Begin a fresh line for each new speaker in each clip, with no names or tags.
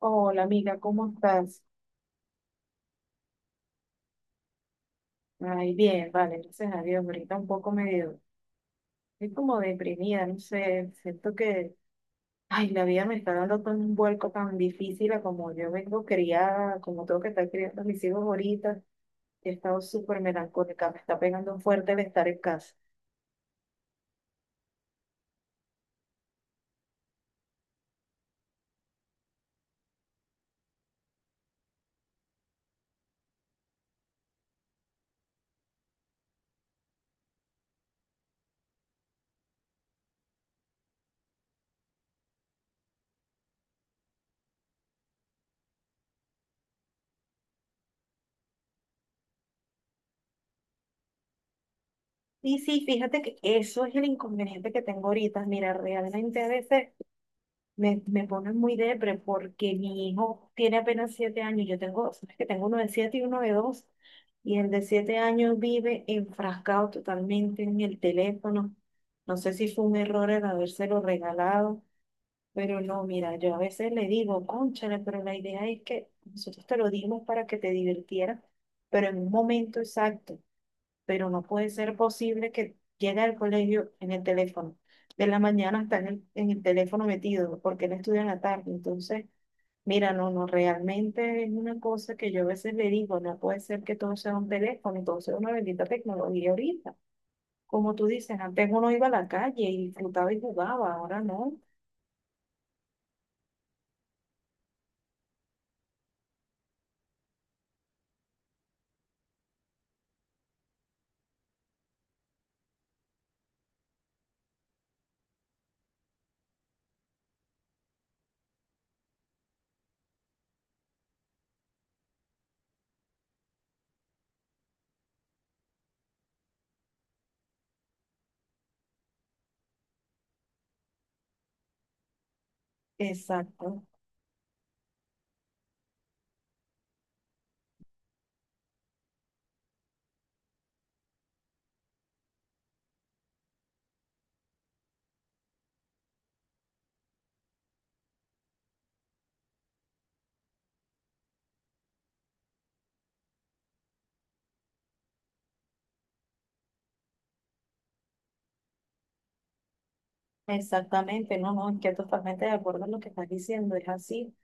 Hola amiga, ¿cómo estás? Ay, bien, vale, gracias a Dios. Ahorita un poco medio, estoy como deprimida, no sé, siento que, ay, la vida me está dando tan un vuelco tan difícil a como yo vengo criada, como tengo que estar criando a mis hijos ahorita. He estado súper melancólica, me está pegando fuerte el estar en casa. Y sí, fíjate que eso es el inconveniente que tengo ahorita. Mira, realmente a veces me pone muy depre porque mi hijo tiene apenas siete años. Yo tengo, sabes que tengo uno de siete y uno de dos. Y el de siete años vive enfrascado totalmente en el teléfono. No sé si fue un error el habérselo regalado, pero no, mira, yo a veces le digo, cónchale, pero la idea es que nosotros te lo dimos para que te divirtieras, pero en un momento exacto, pero no puede ser posible que llegue al colegio en el teléfono. De la mañana está en el teléfono metido, porque él estudia en la tarde. Entonces, mira, no, no, realmente es una cosa que yo a veces le digo, no puede ser que todo sea un teléfono, todo sea una bendita tecnología ahorita. Como tú dices, antes uno iba a la calle y disfrutaba y jugaba, ahora no. Exacto, exactamente, no, no, estoy totalmente de acuerdo en lo que estás diciendo, es así.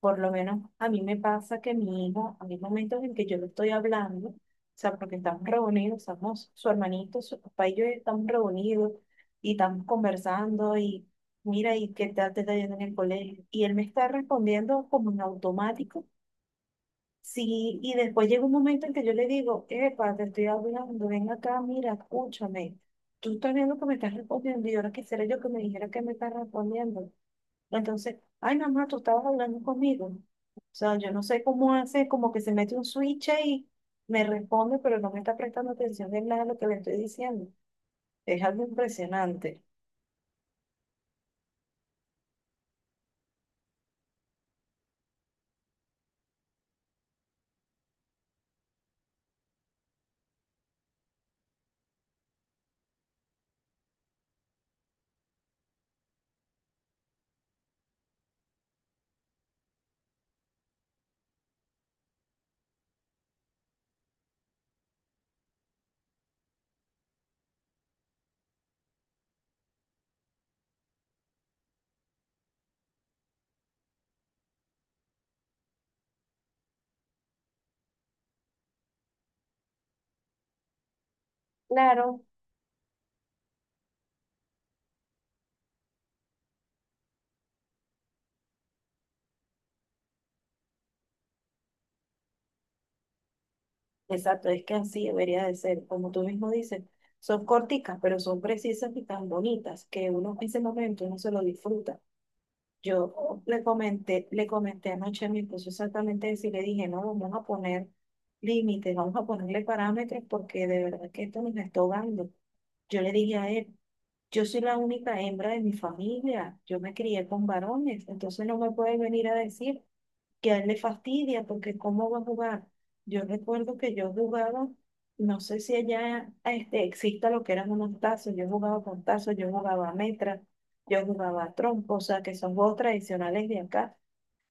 Por lo menos a mí me pasa que mi hijo, hay momentos en que yo le estoy hablando, o sea, porque estamos reunidos, estamos, su hermanito, su papá y yo estamos reunidos y estamos conversando y mira, ¿y qué tal te está yendo en el colegio? Y él me está respondiendo como en automático. Sí, y después llega un momento en que yo le digo, epa, te estoy hablando, ven acá, mira, escúchame. Tú estás viendo que me estás respondiendo y ahora quisiera yo que me dijera que me estás respondiendo. Entonces, ay, mamá, tú estabas hablando conmigo. O sea, yo no sé cómo hace, como que se mete un switch y me responde, pero no me está prestando atención de nada a lo que le estoy diciendo. Es algo impresionante. Claro, exacto, es que así debería de ser, como tú mismo dices. Son corticas, pero son precisas y tan bonitas que uno en ese momento uno se lo disfruta. Yo le comenté anoche a mi esposo exactamente eso y le dije, no, vamos a poner límites, vamos a ponerle parámetros porque de verdad que esto nos está ahogando. Yo le dije a él, yo soy la única hembra de mi familia, yo me crié con varones, entonces no me puedes venir a decir que a él le fastidia porque cómo va a jugar. Yo recuerdo que yo jugaba, no sé si allá este, exista lo que eran unos tazos, yo jugaba con tazos, yo jugaba a metra, yo jugaba a trompo, o sea, que son juegos tradicionales de acá.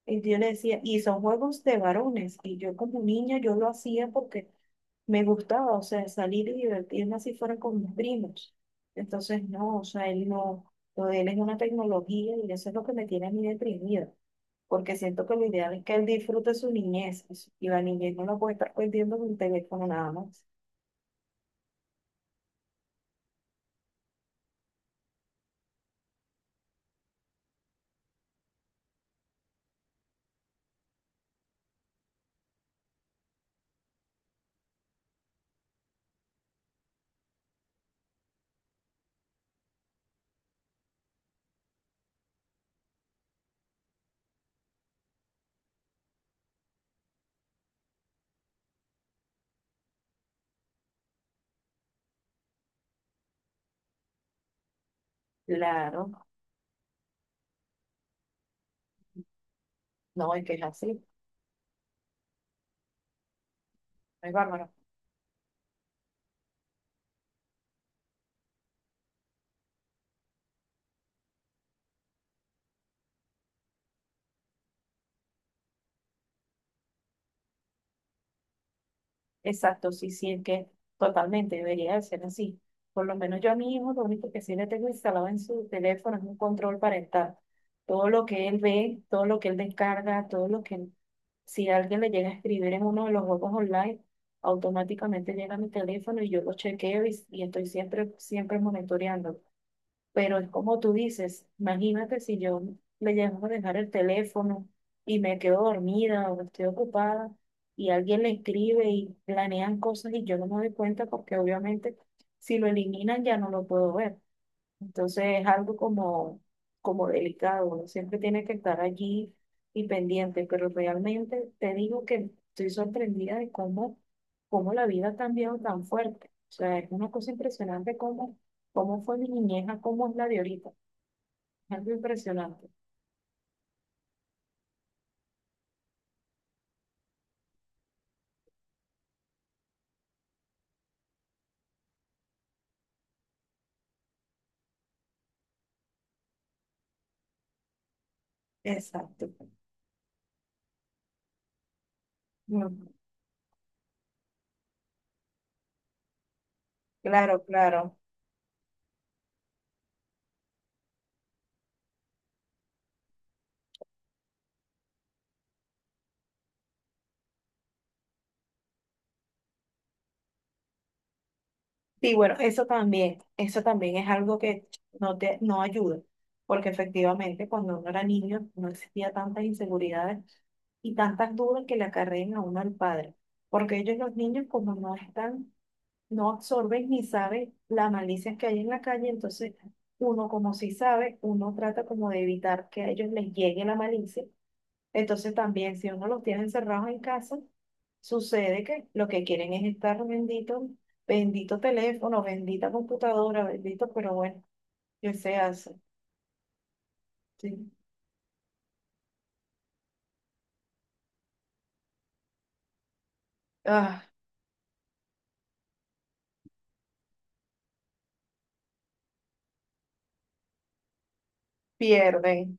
Y yo le decía, y son juegos de varones. Y yo como niña, yo lo hacía porque me gustaba, o sea, salir y divertirme así fuera con mis primos. Entonces, no, o sea, él no, lo de él es una tecnología y eso es lo que me tiene a mí deprimida. Porque siento que lo ideal es que él disfrute su niñez y su- y la niñez no la puede estar perdiendo con un teléfono nada más. Claro, no, es que es así. Es bárbaro. Exacto, sí, sí, es que totalmente debería de ser así. Por lo menos yo a mi hijo lo único que sí le tengo instalado en su teléfono es un control parental. Todo lo que él ve, todo lo que él descarga, todo lo que él- si alguien le llega a escribir en uno de los juegos online, automáticamente llega a mi teléfono y yo lo chequeo y estoy siempre, siempre monitoreando. Pero es como tú dices, imagínate si yo le llego a dejar el teléfono y me quedo dormida o estoy ocupada y alguien le escribe y planean cosas y yo no me doy cuenta porque obviamente si lo eliminan ya no lo puedo ver. Entonces es algo como, como delicado, uno siempre tiene que estar allí y pendiente, pero realmente te digo que estoy sorprendida de cómo, cómo la vida ha cambiado tan fuerte. O sea, es una cosa impresionante cómo, cómo fue mi niñez a cómo es la de ahorita. Es algo impresionante. Exacto. Mm. Claro, claro. Sí, bueno, eso también es algo que no te, no ayuda, porque efectivamente cuando uno era niño no existía tantas inseguridades y tantas dudas que le acarreen a uno al padre, porque ellos los niños como no están, no absorben ni saben las malicias que hay en la calle, entonces uno como sí sabe, uno trata como de evitar que a ellos les llegue la malicia, entonces también si uno los tiene encerrados en casa, sucede que lo que quieren es estar bendito, bendito teléfono, bendita computadora, bendito, pero bueno, ¿qué se hace? Sí. Ah, pierden.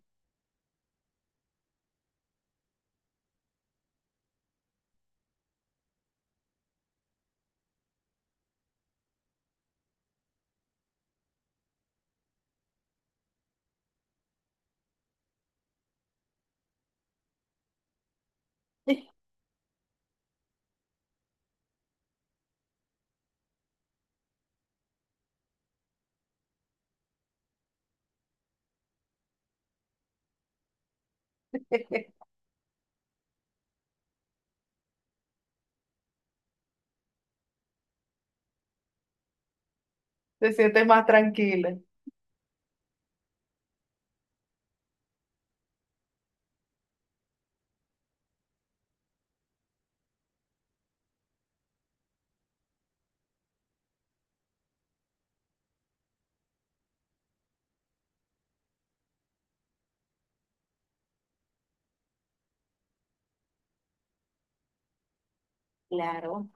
Te sientes más tranquila. Claro.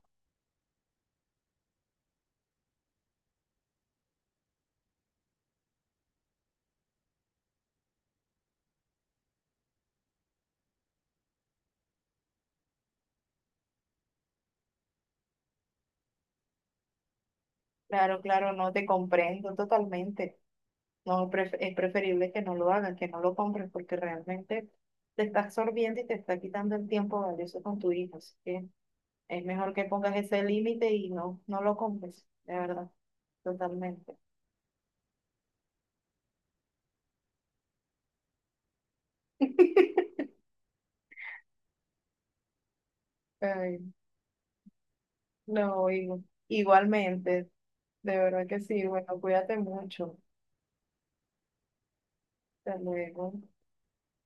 Claro, claro, no te comprendo totalmente. No, pref- es preferible que no lo hagan, que no lo compren, porque realmente te está absorbiendo y te está quitando el tiempo valioso con tu hijo. Así que es mejor que pongas ese límite y no, no lo compres, de verdad, totalmente. Ay, no, hijo. Igualmente, de verdad que sí. Bueno, cuídate mucho. Hasta luego.